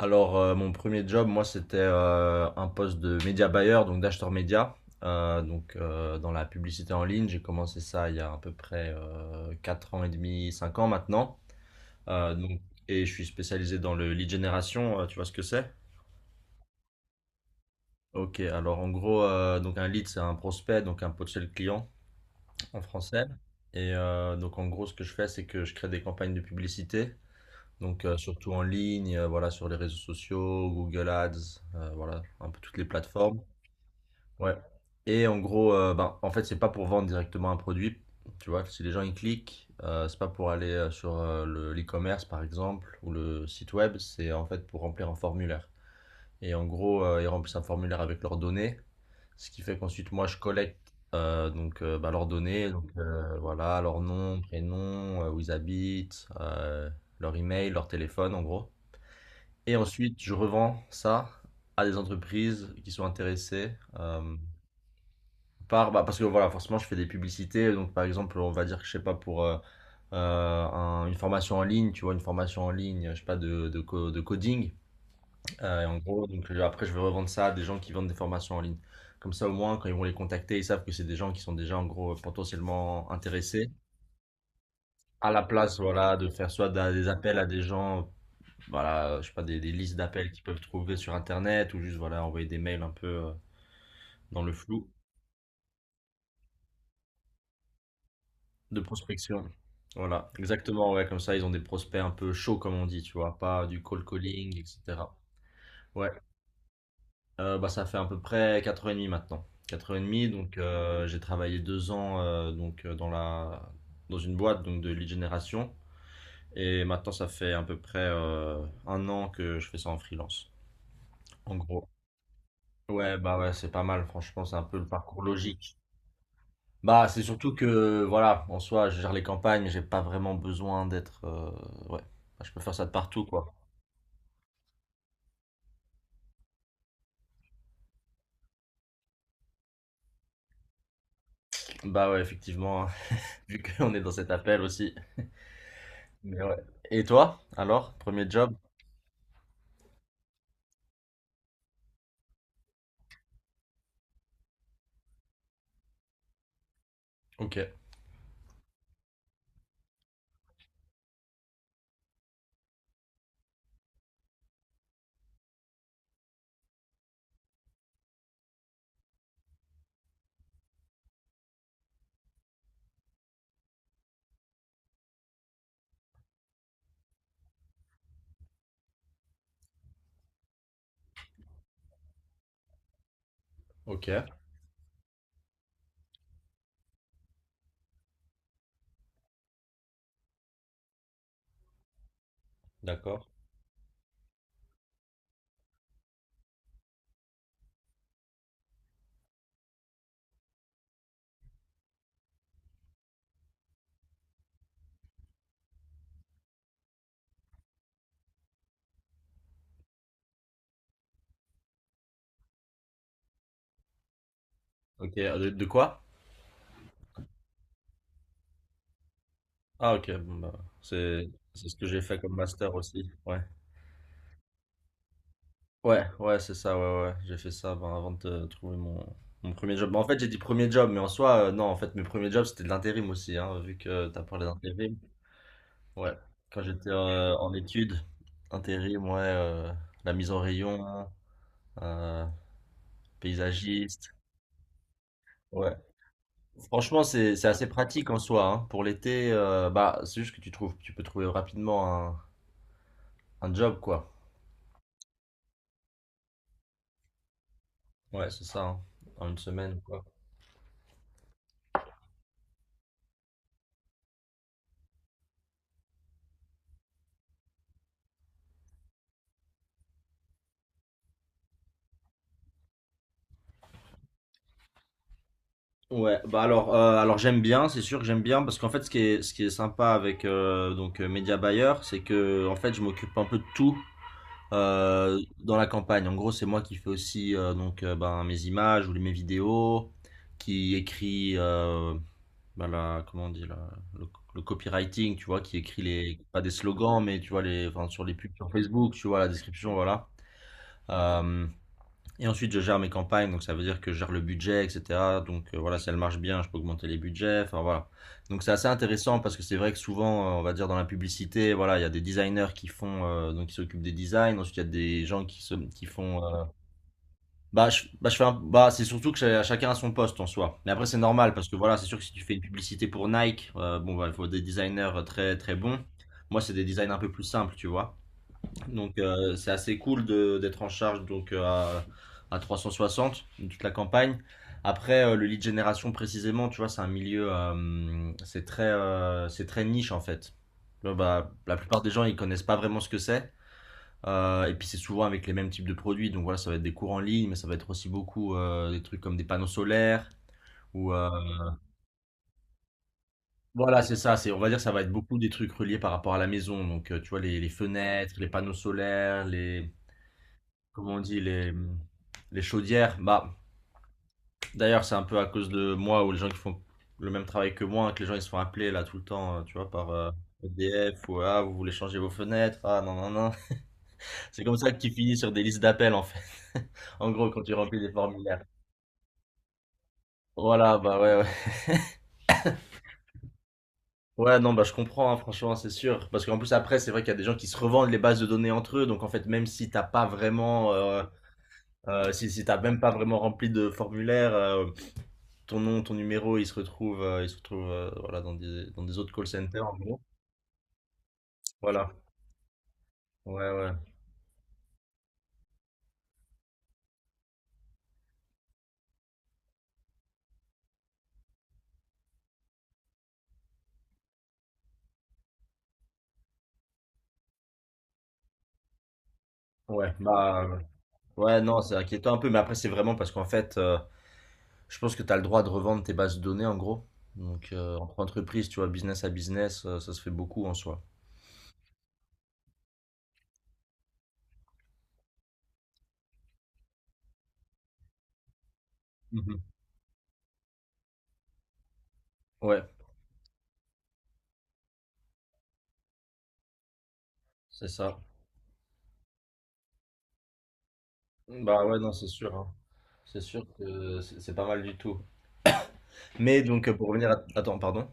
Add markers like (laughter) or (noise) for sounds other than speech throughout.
Mon premier job, moi, c'était un poste de média buyer, donc d'acheteur média, dans la publicité en ligne. J'ai commencé ça il y a à peu près 4 ans et demi, 5 ans maintenant. Euh, donc, et je suis spécialisé dans le lead generation, tu vois ce que c'est? Ok, alors en gros, donc un lead, c'est un prospect, donc un potentiel client en français. Et donc en gros, ce que je fais, c'est que je crée des campagnes de publicité, surtout en ligne, voilà, sur les réseaux sociaux, Google Ads, voilà, un peu toutes les plateformes. Ouais. Et en gros, en fait, c'est pas pour vendre directement un produit. Tu vois, si les gens ils cliquent, c'est pas pour aller sur l'e-commerce par exemple ou le site web, c'est en fait pour remplir un formulaire. Et en gros, ils remplissent un formulaire avec leurs données, ce qui fait qu'ensuite moi je collecte leurs données, voilà, leur nom, prénom, où ils habitent, leur email, leur téléphone en gros. Et ensuite, je revends ça à des entreprises qui sont intéressées. Euh, Par, parce que voilà, forcément, je fais des publicités. Donc, par exemple, on va dire que je sais pas pour une formation en ligne, tu vois, une formation en ligne, je sais pas, de coding. Et en gros, donc, après, je vais revendre ça à des gens qui vendent des formations en ligne. Comme ça, au moins, quand ils vont les contacter, ils savent que c'est des gens qui sont déjà, en gros, potentiellement intéressés. À la place, voilà, de faire des appels à des gens, voilà, je sais pas, des listes d'appels qu'ils peuvent trouver sur Internet ou juste, voilà, envoyer des mails un peu dans le flou. De prospection. Voilà, exactement, ouais, comme ça, ils ont des prospects un peu chauds, comme on dit, tu vois, pas du cold calling, etc. Ouais. Ça fait à peu près 4 ans et demi maintenant. 4 ans et demi, j'ai travaillé 2 ans dans la... dans une boîte donc, de lead génération et maintenant ça fait à peu près 1 an que je fais ça en freelance, en gros. Ouais, bah ouais, c'est pas mal, franchement, c'est un peu le parcours logique. Bah, c'est surtout que, voilà, en soi, je gère les campagnes, j'ai pas vraiment besoin d'être. Ouais, enfin, je peux faire ça de partout, quoi. Bah, ouais, effectivement, hein, (laughs) vu qu'on est dans cet appel aussi. Mais ouais. Et toi, alors, premier job? Ok, ok, d'accord. Ok, de quoi? Ah, ok, bon, bah, c'est c'est ce que j'ai fait comme master aussi. Ouais. Ouais, ouais, c'est ça, ouais, ouais. J'ai fait ça ben, avant de trouver mon premier job. Bah, en fait, j'ai dit premier job, mais en soi, non, en fait, mes premiers jobs, c'était de l'intérim aussi, hein, vu que t'as parlé d'intérim. Ouais, quand j'étais en études, intérim, ouais, la mise en rayon, euh, paysagiste. Ouais. Franchement, c'est assez pratique en soi. Hein. Pour l'été, bah, c'est juste que tu trouves, tu peux trouver rapidement un job, quoi. Ouais, c'est ça, hein. En 1 semaine, quoi. Ouais, bah alors j'aime bien, c'est sûr que j'aime bien, parce qu'en fait, ce qui est sympa avec Media Buyer, c'est que en fait, je m'occupe un peu de tout. Dans la campagne. En gros, c'est moi qui fais aussi mes images ou mes vidéos, qui écrit comment on dit le copywriting, tu vois, qui écrit les pas des slogans, mais tu vois les enfin, sur les pubs sur Facebook, tu vois la description, voilà. Euh, et ensuite, je gère mes campagnes, donc ça veut dire que je gère le budget, etc. Donc voilà, si elle marche bien, je peux augmenter les budgets. Enfin voilà. Donc c'est assez intéressant parce que c'est vrai que souvent, on va dire dans la publicité, voilà, il y a des designers qui font, qui s'occupent des designs. Ensuite, il y a des gens qui font. Je fais c'est surtout que chacun a son poste en soi. Mais après, c'est normal parce que voilà, c'est sûr que si tu fais une publicité pour Nike, bon, bah, il faut des designers très très bons. Moi, c'est des designs un peu plus simples, tu vois. Donc c'est assez cool d'être en charge à 360 de toute la campagne. Après le lead génération précisément, tu vois, c'est un milieu c'est très niche en fait. Là, bah, la plupart des gens ils connaissent pas vraiment ce que c'est. Et puis c'est souvent avec les mêmes types de produits. Donc voilà, ça va être des cours en ligne, mais ça va être aussi beaucoup des trucs comme des panneaux solaires ou voilà, c'est ça, c'est, on va dire ça va être beaucoup des trucs reliés par rapport à la maison. Donc, tu vois, les fenêtres, les panneaux solaires, comment on dit, les chaudières. Bah, d'ailleurs, c'est un peu à cause de moi ou les gens qui font le même travail que moi, que les gens ils se font appeler là tout le temps, tu vois, par EDF ou ah, vous voulez changer vos fenêtres, ah non, non, non. (laughs) C'est comme ça qu'ils finissent sur des listes d'appels en fait. (laughs) En gros, quand tu remplis des formulaires. Voilà, bah ouais, ouais. Ouais, non, bah je comprends, hein, franchement, c'est sûr. Parce qu'en plus, après, c'est vrai qu'il y a des gens qui se revendent les bases de données entre eux. Donc, en fait, même si t'as pas vraiment, si, si t'as même pas vraiment rempli de formulaire, ton nom, ton numéro, ils se retrouvent il se retrouvent voilà, dans des autres call centers, en gros. Voilà. Ouais, ouais. Ouais, bah, euh, ouais, non, c'est inquiétant un peu, mais après, c'est vraiment parce qu'en fait, je pense que tu as le droit de revendre tes bases de données, en gros. Donc, entre entreprises, tu vois, business à business, ça se fait beaucoup en soi. Mhm. Ouais, c'est ça. Bah, ouais, non, c'est sûr, hein. C'est sûr que c'est pas mal du tout. Mais donc, pour revenir à... Attends, pardon.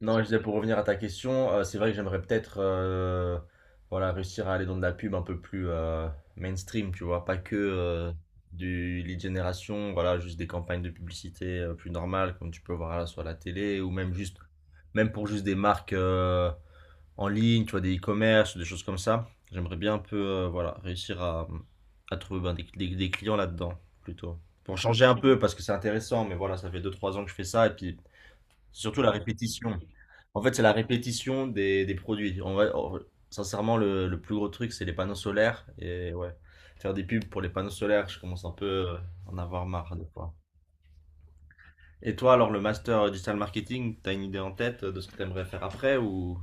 Non, je disais pour revenir à ta question, c'est vrai que j'aimerais peut-être voilà, réussir à aller dans de la pub un peu plus mainstream, tu vois, pas que du lead generation, voilà, juste des campagnes de publicité plus normales comme tu peux voir là sur la télé ou même juste même pour juste des marques en ligne, tu vois, des e-commerce, des choses comme ça. J'aimerais bien un peu voilà, réussir à trouver des clients là-dedans plutôt. Pour changer un peu parce que c'est intéressant, mais voilà, ça fait deux trois ans que je fais ça et puis c'est surtout la répétition. En fait, c'est la répétition des produits. En vrai, sincèrement, le plus gros truc, c'est les panneaux solaires. Et ouais, faire des pubs pour les panneaux solaires, je commence un peu à en avoir marre des fois. Et toi, alors, le master digital marketing, t'as une idée en tête de ce que t'aimerais faire après ou...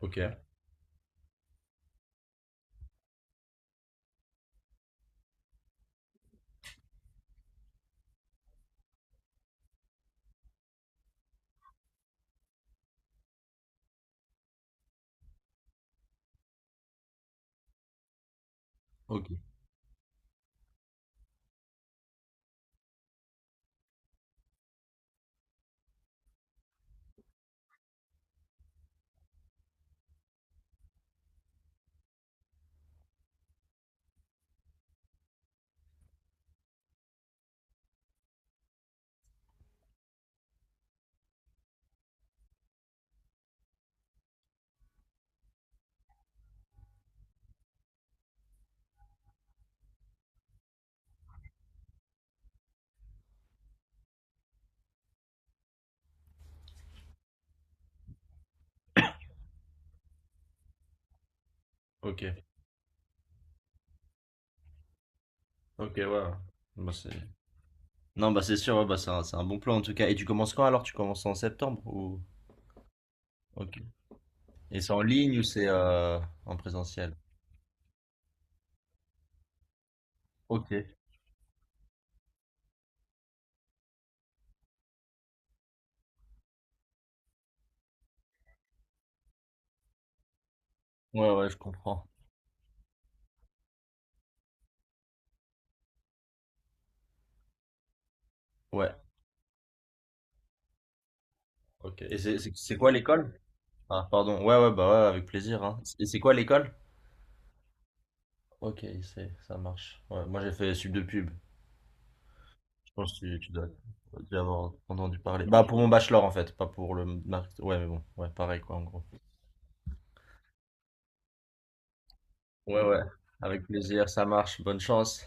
Ok, ok, ok, ok, ouais. Bah, c'est- non, bah c'est sûr, ouais, bah, c'est un bon plan en tout cas. Et tu commences quand alors? Tu commences en septembre ou... Ok. Et c'est en ligne ou c'est en présentiel? Ok. Ouais, ouais, je comprends. Ouais. Ok. Et c'est quoi l'école? Ah, pardon. Ouais, ouais, bah ouais, avec plaisir, hein. Et c'est quoi l'école? Ok, c'est, ça marche. Ouais, moi j'ai fait sub de pub. Je pense que tu dois, tu avoir entendu parler. Bah pour mon bachelor en fait, pas pour ouais, mais bon, ouais, pareil quoi en gros. Ouais, ouais. Avec plaisir, ça marche. Bonne chance.